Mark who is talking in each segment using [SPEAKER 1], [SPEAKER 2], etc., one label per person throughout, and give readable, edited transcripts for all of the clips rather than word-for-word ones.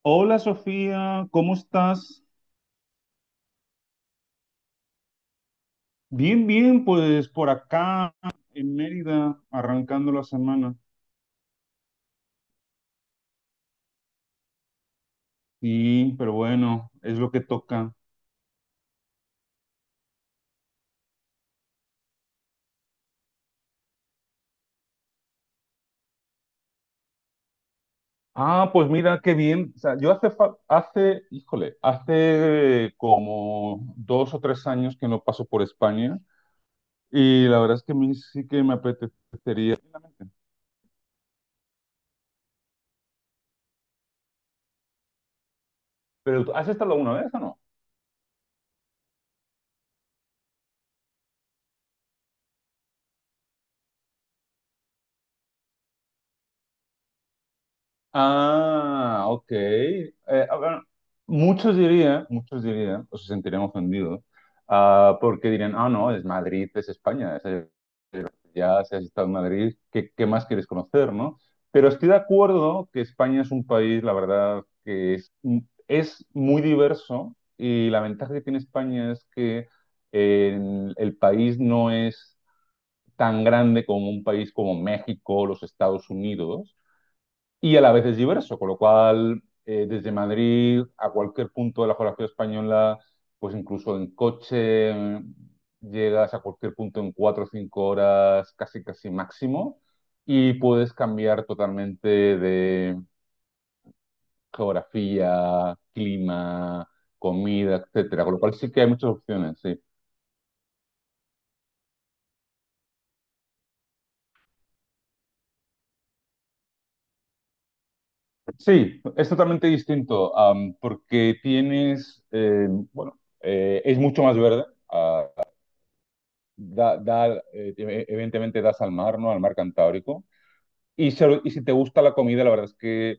[SPEAKER 1] Hola Sofía, ¿cómo estás? Bien, bien, pues por acá en Mérida, arrancando la semana. Sí, pero bueno, es lo que toca. Ah, pues mira, qué bien. O sea, yo hace, fa- hace, híjole, hace como dos o tres años que no paso por España y la verdad es que a mí sí que me apetecería. ¿Pero has estado alguna vez o no? Ah, ok. A ver, muchos dirían, o se sentirían ofendidos, porque dirían, ah, no, es Madrid, es España, ya si has estado en Madrid, ¿qué más quieres conocer, no? Pero estoy de acuerdo que España es un país, la verdad, es muy diverso y la ventaja que tiene España es que el país no es tan grande como un país como México, los Estados Unidos, y a la vez es diverso, con lo cual desde Madrid a cualquier punto de la geografía española, pues incluso en coche llegas a cualquier punto en cuatro o cinco horas, casi casi máximo, y puedes cambiar totalmente de geografía, clima, comida, etcétera. Con lo cual sí que hay muchas opciones, sí. Sí, es totalmente distinto, porque tienes, bueno, es mucho más verde. Ah, da, da, eh, Evidentemente das al mar, ¿no? Al mar Cantábrico. Y si te gusta la comida, la verdad es que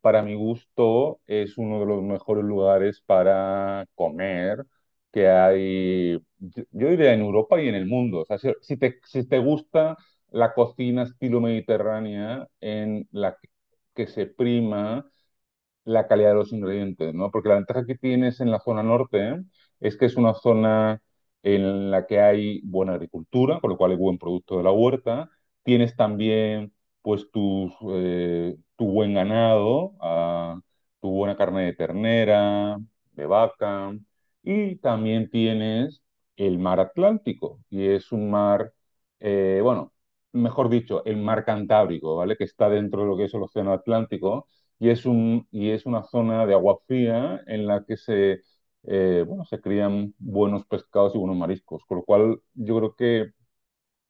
[SPEAKER 1] para mi gusto es uno de los mejores lugares para comer que hay, yo diría en Europa y en el mundo. O sea, si te gusta la cocina estilo mediterránea en que se prima la calidad de los ingredientes, ¿no? Porque la ventaja que tienes en la zona norte, ¿eh? Es que es una zona en la que hay buena agricultura, por lo cual hay buen producto de la huerta. Tienes también, pues, tu buen ganado, ah, tu buena carne de ternera, de vaca, y también tienes el mar Atlántico, y es un mar, eh, bueno, mejor dicho, el mar Cantábrico, ¿vale? Que está dentro de lo que es el océano Atlántico, y es una zona de agua fría en la que se crían buenos pescados y buenos mariscos, con lo cual yo creo que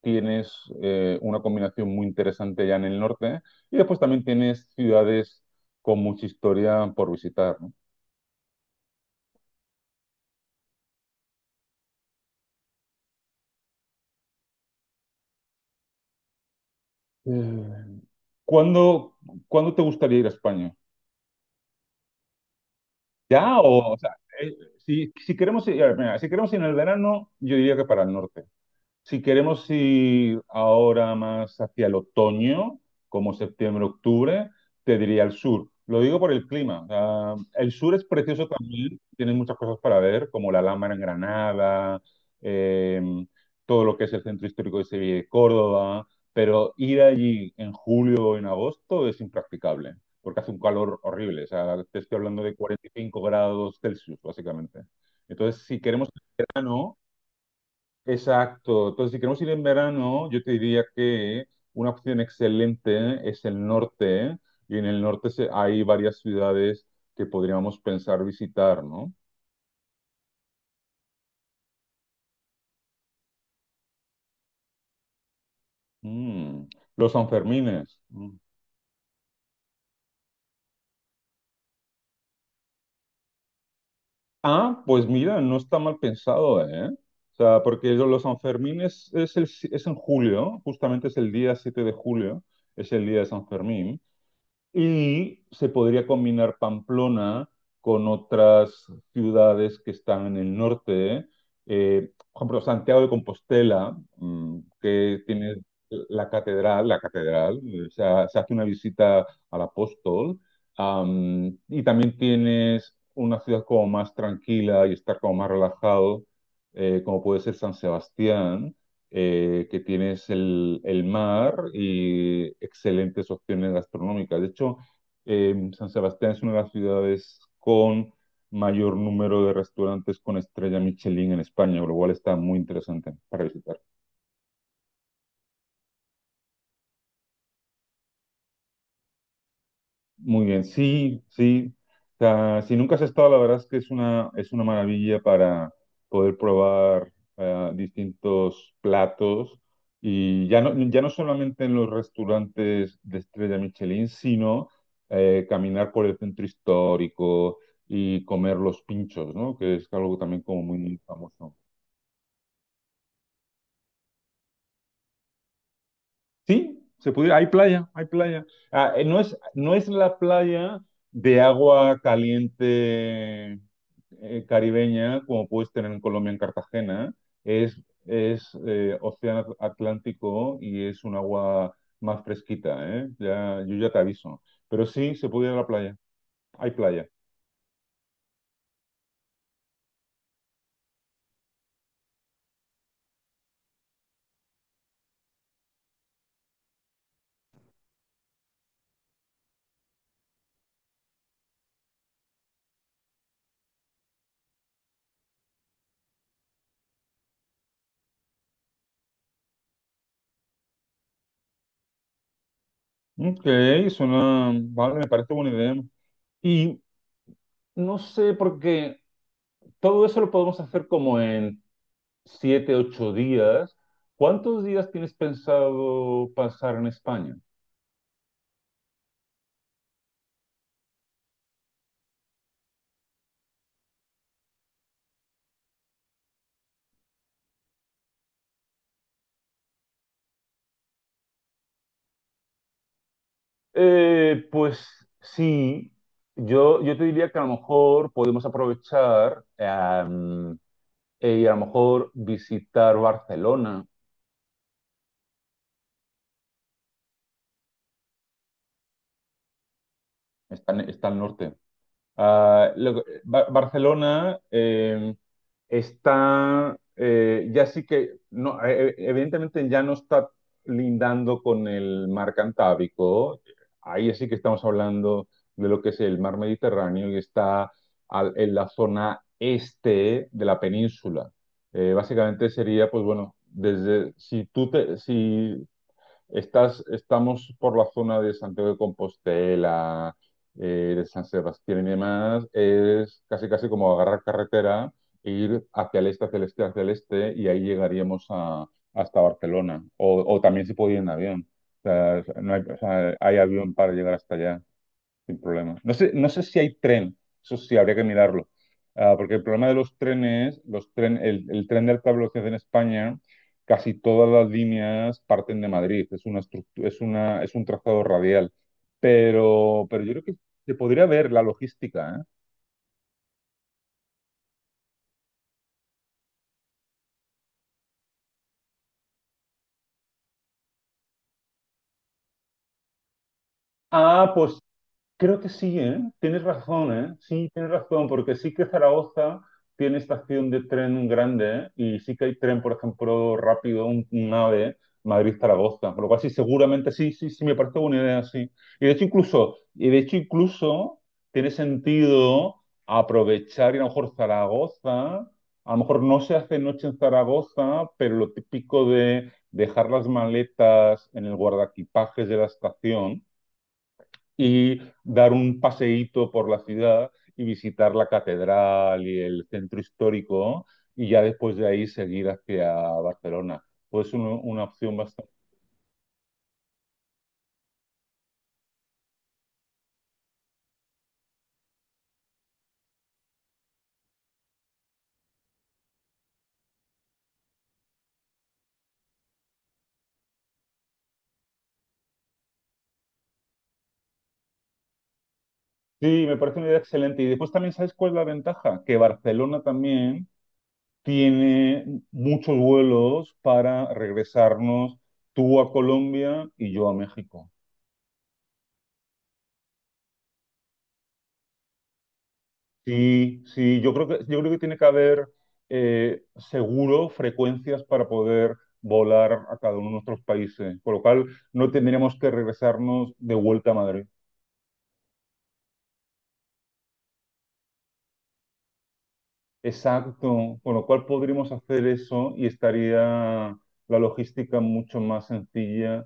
[SPEAKER 1] tienes una combinación muy interesante ya en el norte, y después también tienes ciudades con mucha historia por visitar, ¿no? Eh, ¿Cuándo, Cuándo te gustaría ir a España? ¿Ya? O sea, si queremos ir, a ver, mira, si queremos ir en el verano, yo diría que para el norte. Si queremos ir ahora más hacia el otoño, como septiembre, octubre, te diría el sur. Lo digo por el clima. O sea, el sur es precioso también, tienes muchas cosas para ver, como la Alhambra en Granada, eh, todo lo que es el centro histórico de Sevilla y de Córdoba, pero ir allí en julio o en agosto es impracticable, porque hace un calor horrible. O sea, te estoy hablando de 45 grados Celsius, básicamente. Entonces, si queremos verano, exacto. Entonces, si queremos ir en verano, yo te diría que una opción excelente es el norte, y en el norte hay varias ciudades que podríamos pensar visitar, ¿no? Mm, los Sanfermines. Mm. Ah, pues mira, no está mal pensado, ¿eh? O sea, porque los Sanfermines es, el, si- es en julio, justamente es el día 7 de julio, es el día de San Fermín. Y se podría combinar Pamplona con otras ciudades que están en el norte, por ejemplo, Santiago de Compostela, mm, que tiene la catedral, se hace una visita al apóstol, y también tienes una ciudad como más tranquila y estar como más relajado, como puede ser San Sebastián, que tienes el mar y excelentes opciones gastronómicas. De hecho, San Sebastián es una de las ciudades con mayor número de restaurantes con estrella Michelin en España, lo cual está muy interesante para visitar. Muy bien, sí, sí. O sea, si nunca has estado, la verdad es que es una maravilla para poder probar distintos platos, y ya no solamente en los restaurantes de estrella Michelin, sino caminar por el centro histórico y comer los pinchos, ¿no? Que es algo también como muy famoso. Sí, se pudiera, hay playa, hay playa. No es la playa de agua caliente, caribeña, como puedes tener en Colombia, en Cartagena. Es, es océano Atlántico y es un agua más fresquita, ¿eh? Ya, yo ya te aviso. Pero sí, se puede ir a la playa. Hay playa. Ok, suena... Vale, me parece buena idea. Y no sé, porque todo eso lo podemos hacer como en siete, ocho días. ¿Cuántos días tienes pensado pasar en España? Pues sí, yo te diría que a lo mejor podemos aprovechar, y a lo mejor visitar Barcelona, está, está al norte. Ah, Barcelona, está, ya sí que, no, evidentemente ya no está lindando con el mar Cantábrico, ahí sí que estamos hablando de lo que es el mar Mediterráneo y está en la zona este de la península. Básicamente sería, pues bueno, desde, si estás, estamos por la zona de Santiago de Compostela, de San Sebastián y demás. Es casi casi como agarrar carretera e ir hacia el este, hacia el este, hacia el este, y ahí llegaríamos hasta Barcelona. O también se puede ir en avión. O sea, no hay, o sea, hay avión para llegar hasta allá sin problema. No sé si hay tren, eso sí, habría que mirarlo. Ah, porque el problema de los trenes, el tren de alta velocidad en España, casi todas las líneas parten de Madrid. Es una es un trazado radial. Pero yo creo que se podría ver la logística, ¿eh? Ah, pues creo que sí, ¿eh? Tienes razón, ¿eh? Sí, tienes razón, porque sí que Zaragoza tiene estación de tren grande, ¿eh? Y sí que hay tren, por ejemplo, rápido, un AVE, Madrid-Zaragoza, por lo cual sí, seguramente sí, sí, sí, me parece buena idea, sí. Y de hecho incluso tiene sentido aprovechar y a lo mejor Zaragoza, a lo mejor no se hace noche en Zaragoza, pero lo típico de dejar las maletas en el guardaequipajes de la estación y dar un paseíto por la ciudad y visitar la catedral y el centro histórico, y ya después de ahí seguir hacia Barcelona. Pues una opción bastante... Sí, me parece una idea excelente. Y después también, ¿sabes cuál es la ventaja? Que Barcelona también tiene muchos vuelos para regresarnos tú a Colombia y yo a México. Sí, sí, yo creo que tiene que haber seguro frecuencias para poder volar a cada uno de nuestros países, por lo cual no tendríamos que regresarnos de vuelta a Madrid. Exacto, con lo cual podríamos hacer eso y estaría la logística mucho más sencilla.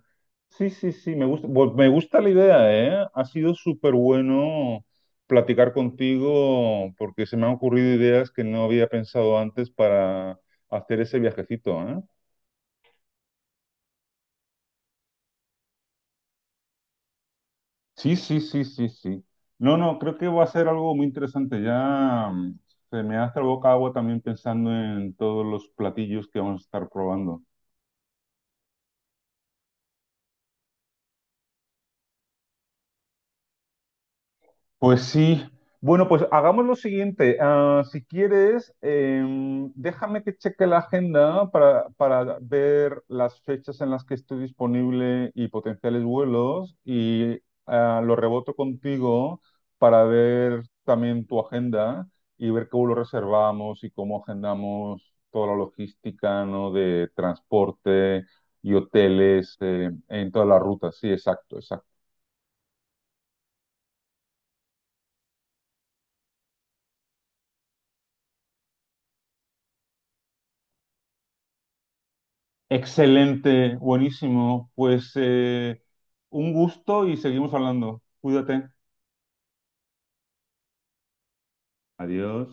[SPEAKER 1] Sí, sí, sí, me gusta, me gusta la idea, ¿eh? Ha sido súper bueno platicar contigo porque se me han ocurrido ideas que no había pensado antes para hacer ese viajecito, ¿eh? Sí, sí, sí, sí, sí. No, no, creo que va a ser algo muy interesante. Ya Se me hace la boca agua también pensando en todos los platillos que vamos a estar probando. Pues sí. Bueno, pues hagamos lo siguiente. Ah, si quieres, déjame que cheque la agenda para ver las fechas en las que estoy disponible y potenciales vuelos, y lo reboto contigo para ver también tu agenda y ver cómo lo reservamos y cómo agendamos toda la logística, ¿no? De transporte y hoteles, en todas las rutas. Sí, exacto, exacto. Excelente, buenísimo. Pues un gusto y seguimos hablando. Cuídate. Adiós.